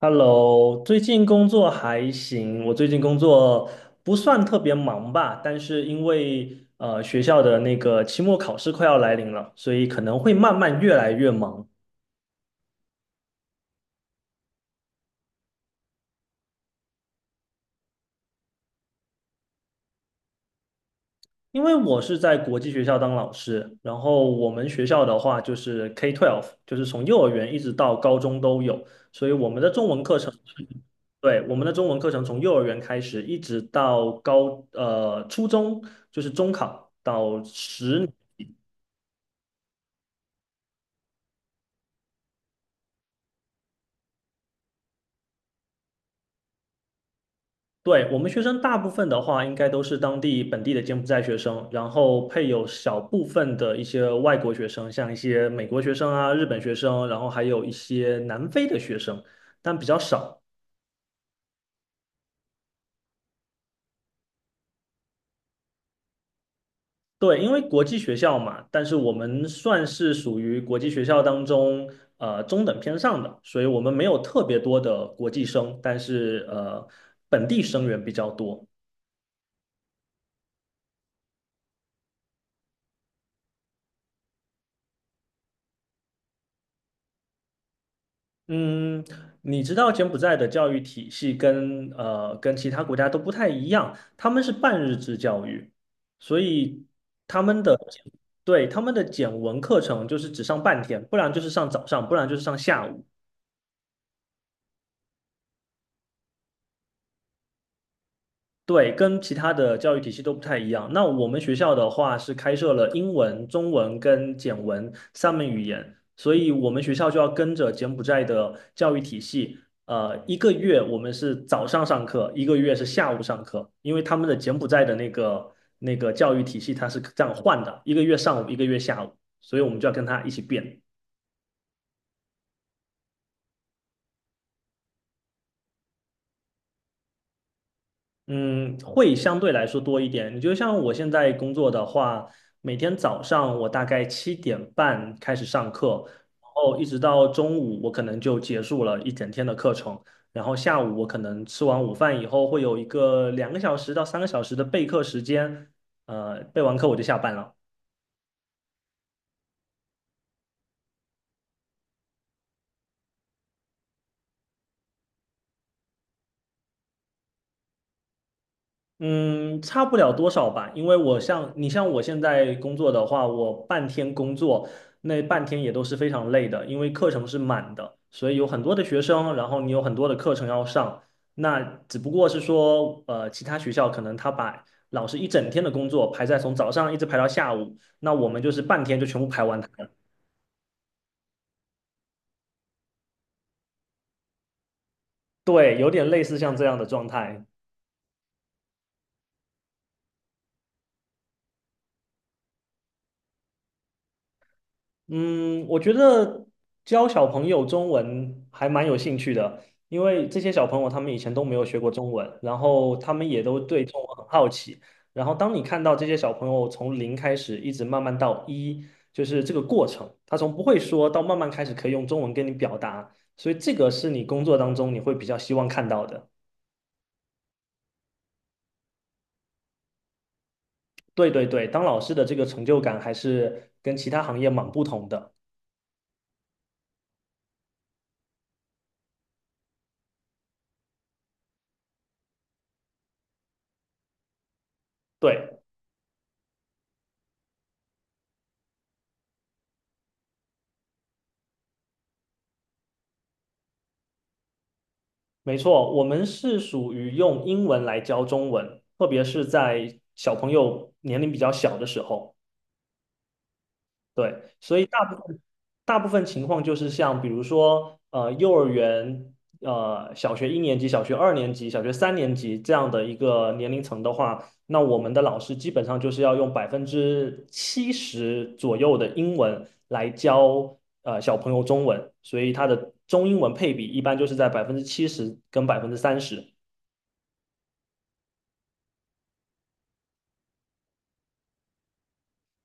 Hello，最近工作还行，我最近工作不算特别忙吧，但是因为学校的那个期末考试快要来临了，所以可能会慢慢越来越忙。因为我是在国际学校当老师，然后我们学校的话就是 K-12，就是从幼儿园一直到高中都有，所以我们的中文课程，对，我们的中文课程从幼儿园开始一直到初中，就是中考到十。对，我们学生大部分的话，应该都是当地本地的柬埔寨学生，然后配有小部分的一些外国学生，像一些美国学生啊、日本学生，然后还有一些南非的学生，但比较少。对，因为国际学校嘛，但是我们算是属于国际学校当中中等偏上的，所以我们没有特别多的国际生，但是本地生源比较多。嗯，你知道柬埔寨的教育体系跟其他国家都不太一样，他们是半日制教育，所以他们的对，他们的简文课程就是只上半天，不然就是上早上，不然就是上下午。对，跟其他的教育体系都不太一样。那我们学校的话是开设了英文、中文跟简文三门语言，所以我们学校就要跟着柬埔寨的教育体系。一个月我们是早上上课，一个月是下午上课，因为他们的柬埔寨的那个教育体系它是这样换的，一个月上午，一个月下午，所以我们就要跟他一起变。嗯，会相对来说多一点。你就像我现在工作的话，每天早上我大概7:30开始上课，然后一直到中午，我可能就结束了一整天的课程。然后下午我可能吃完午饭以后，会有一个2个小时到3个小时的备课时间，备完课我就下班了。嗯，差不了多少吧，因为我像你像我现在工作的话，我半天工作，那半天也都是非常累的，因为课程是满的，所以有很多的学生，然后你有很多的课程要上。那只不过是说，其他学校可能他把老师一整天的工作排在从早上一直排到下午，那我们就是半天就全部排完它了。对，有点类似像这样的状态。嗯，我觉得教小朋友中文还蛮有兴趣的，因为这些小朋友他们以前都没有学过中文，然后他们也都对中文很好奇。然后当你看到这些小朋友从零开始，一直慢慢到一，就是这个过程，他从不会说到慢慢开始可以用中文跟你表达，所以这个是你工作当中你会比较希望看到的。对对对，当老师的这个成就感还是跟其他行业蛮不同的。对。没错，我们是属于用英文来教中文，特别是在小朋友年龄比较小的时候，对，所以大部分情况就是像比如说幼儿园、小学一年级、小学二年级、小学三年级这样的一个年龄层的话，那我们的老师基本上就是要用百分之七十左右的英文来教小朋友中文，所以他的中英文配比一般就是在百分之七十跟30%。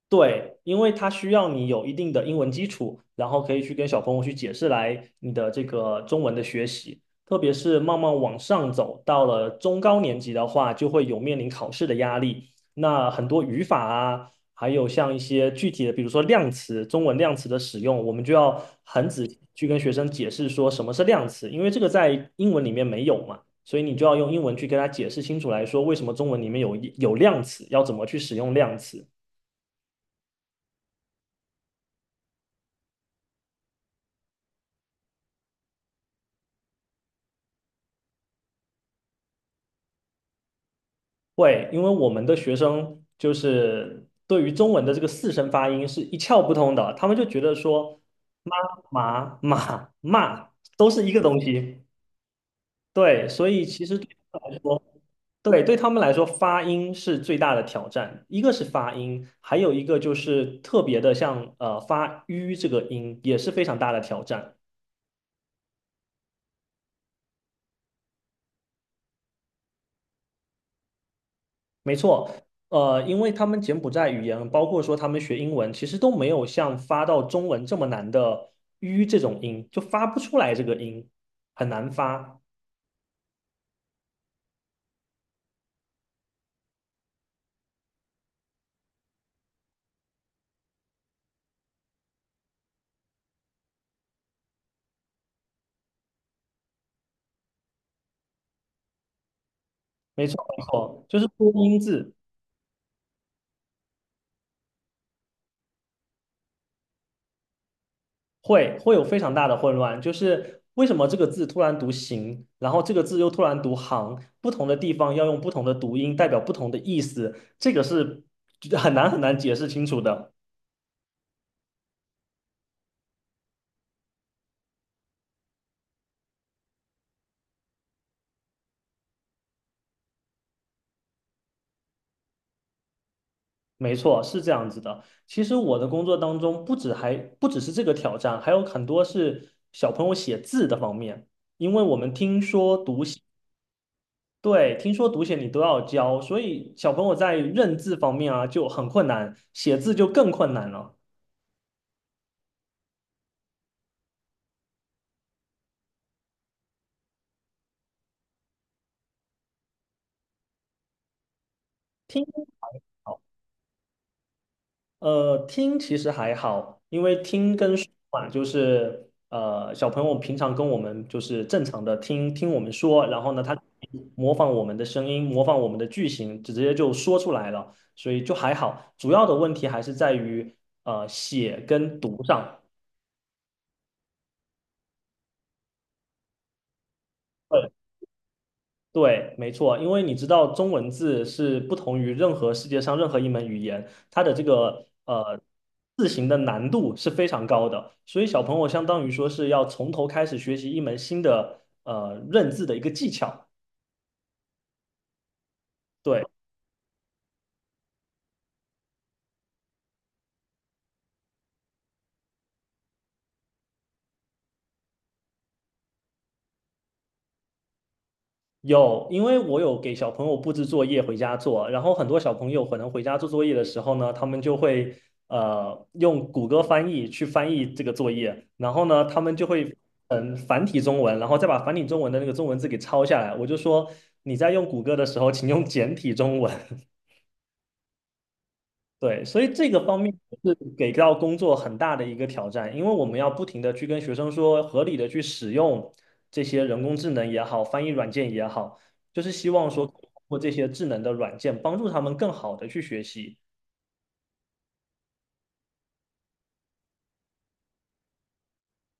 对，因为它需要你有一定的英文基础，然后可以去跟小朋友去解释来你的这个中文的学习，特别是慢慢往上走，到了中高年级的话，就会有面临考试的压力。那很多语法啊，还有像一些具体的，比如说量词，中文量词的使用，我们就要很仔细去跟学生解释说什么是量词，因为这个在英文里面没有嘛，所以你就要用英文去跟他解释清楚来说，为什么中文里面有量词，要怎么去使用量词。会，因为我们的学生就是对于中文的这个四声发音是一窍不通的，他们就觉得说妈、妈马、骂都是一个东西。对，所以其实对他们来说，发音是最大的挑战。一个是发音，还有一个就是特别的像发吁这个音也是非常大的挑战。没错，因为他们柬埔寨语言，包括说他们学英文，其实都没有像发到中文这么难的 "ü" 这种音，就发不出来这个音，很难发。没错，没错，就是多音字会有非常大的混乱，就是为什么这个字突然读行，然后这个字又突然读行，不同的地方要用不同的读音，代表不同的意思，这个是很难很难解释清楚的。没错，是这样子的。其实我的工作当中，不止还不只是这个挑战，还有很多是小朋友写字的方面，因为我们听说读写，对，听说读写你都要教，所以小朋友在认字方面啊就很困难，写字就更困难了。听。听其实还好，因为听跟说嘛，就是小朋友平常跟我们就是正常的听听我们说，然后呢，他模仿我们的声音，模仿我们的句型，直接就说出来了，所以就还好。主要的问题还是在于写跟读上。对，没错，因为你知道中文字是不同于任何世界上任何一门语言，它的这个字形的难度是非常高的，所以小朋友相当于说是要从头开始学习一门新的认字的一个技巧。对，有，因为我有给小朋友布置作业回家做，然后很多小朋友可能回家做作业的时候呢，他们就会用谷歌翻译去翻译这个作业，然后呢，他们就会繁体中文，然后再把繁体中文的那个中文字给抄下来。我就说你在用谷歌的时候，请用简体中文。对，所以这个方面是给到工作很大的一个挑战，因为我们要不停的去跟学生说，合理的去使用这些人工智能也好，翻译软件也好，就是希望说通过这些智能的软件帮助他们更好的去学习。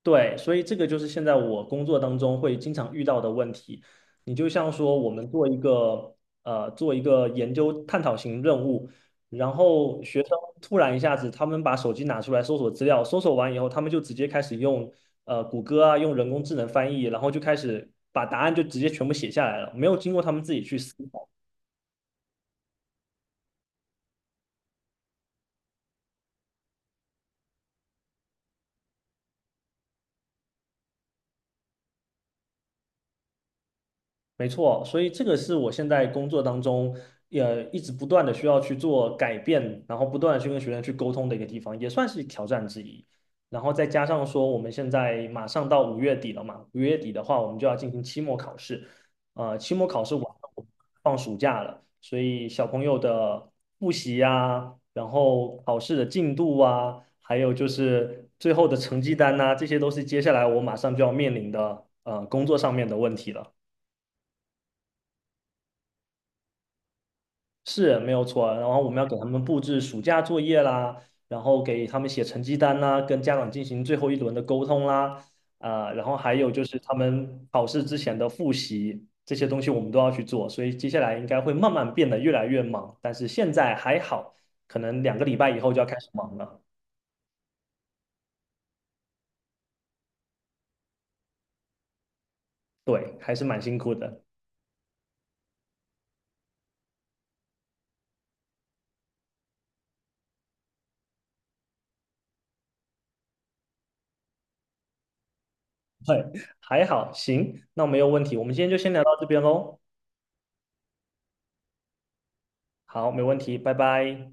对，所以这个就是现在我工作当中会经常遇到的问题。你就像说，我们做一个研究探讨型任务，然后学生突然一下子，他们把手机拿出来搜索资料，搜索完以后，他们就直接开始用谷歌啊，用人工智能翻译，然后就开始把答案就直接全部写下来了，没有经过他们自己去思。没错，所以这个是我现在工作当中，也一直不断的需要去做改变，然后不断的去跟学生去沟通的一个地方，也算是挑战之一。然后再加上说，我们现在马上到五月底了嘛，五月底的话，我们就要进行期末考试，期末考试完了，我们放暑假了，所以小朋友的复习啊，然后考试的进度啊，还有就是最后的成绩单呐、这些都是接下来我马上就要面临的工作上面的问题了。是没有错啊，然后我们要给他们布置暑假作业啦，然后给他们写成绩单啦，跟家长进行最后一轮的沟通啦，啊、然后还有就是他们考试之前的复习这些东西我们都要去做，所以接下来应该会慢慢变得越来越忙，但是现在还好，可能2个礼拜以后就要开始忙了，对，还是蛮辛苦的 对，还好，行，那没有问题，我们今天就先聊到这边喽，好，没问题，拜拜。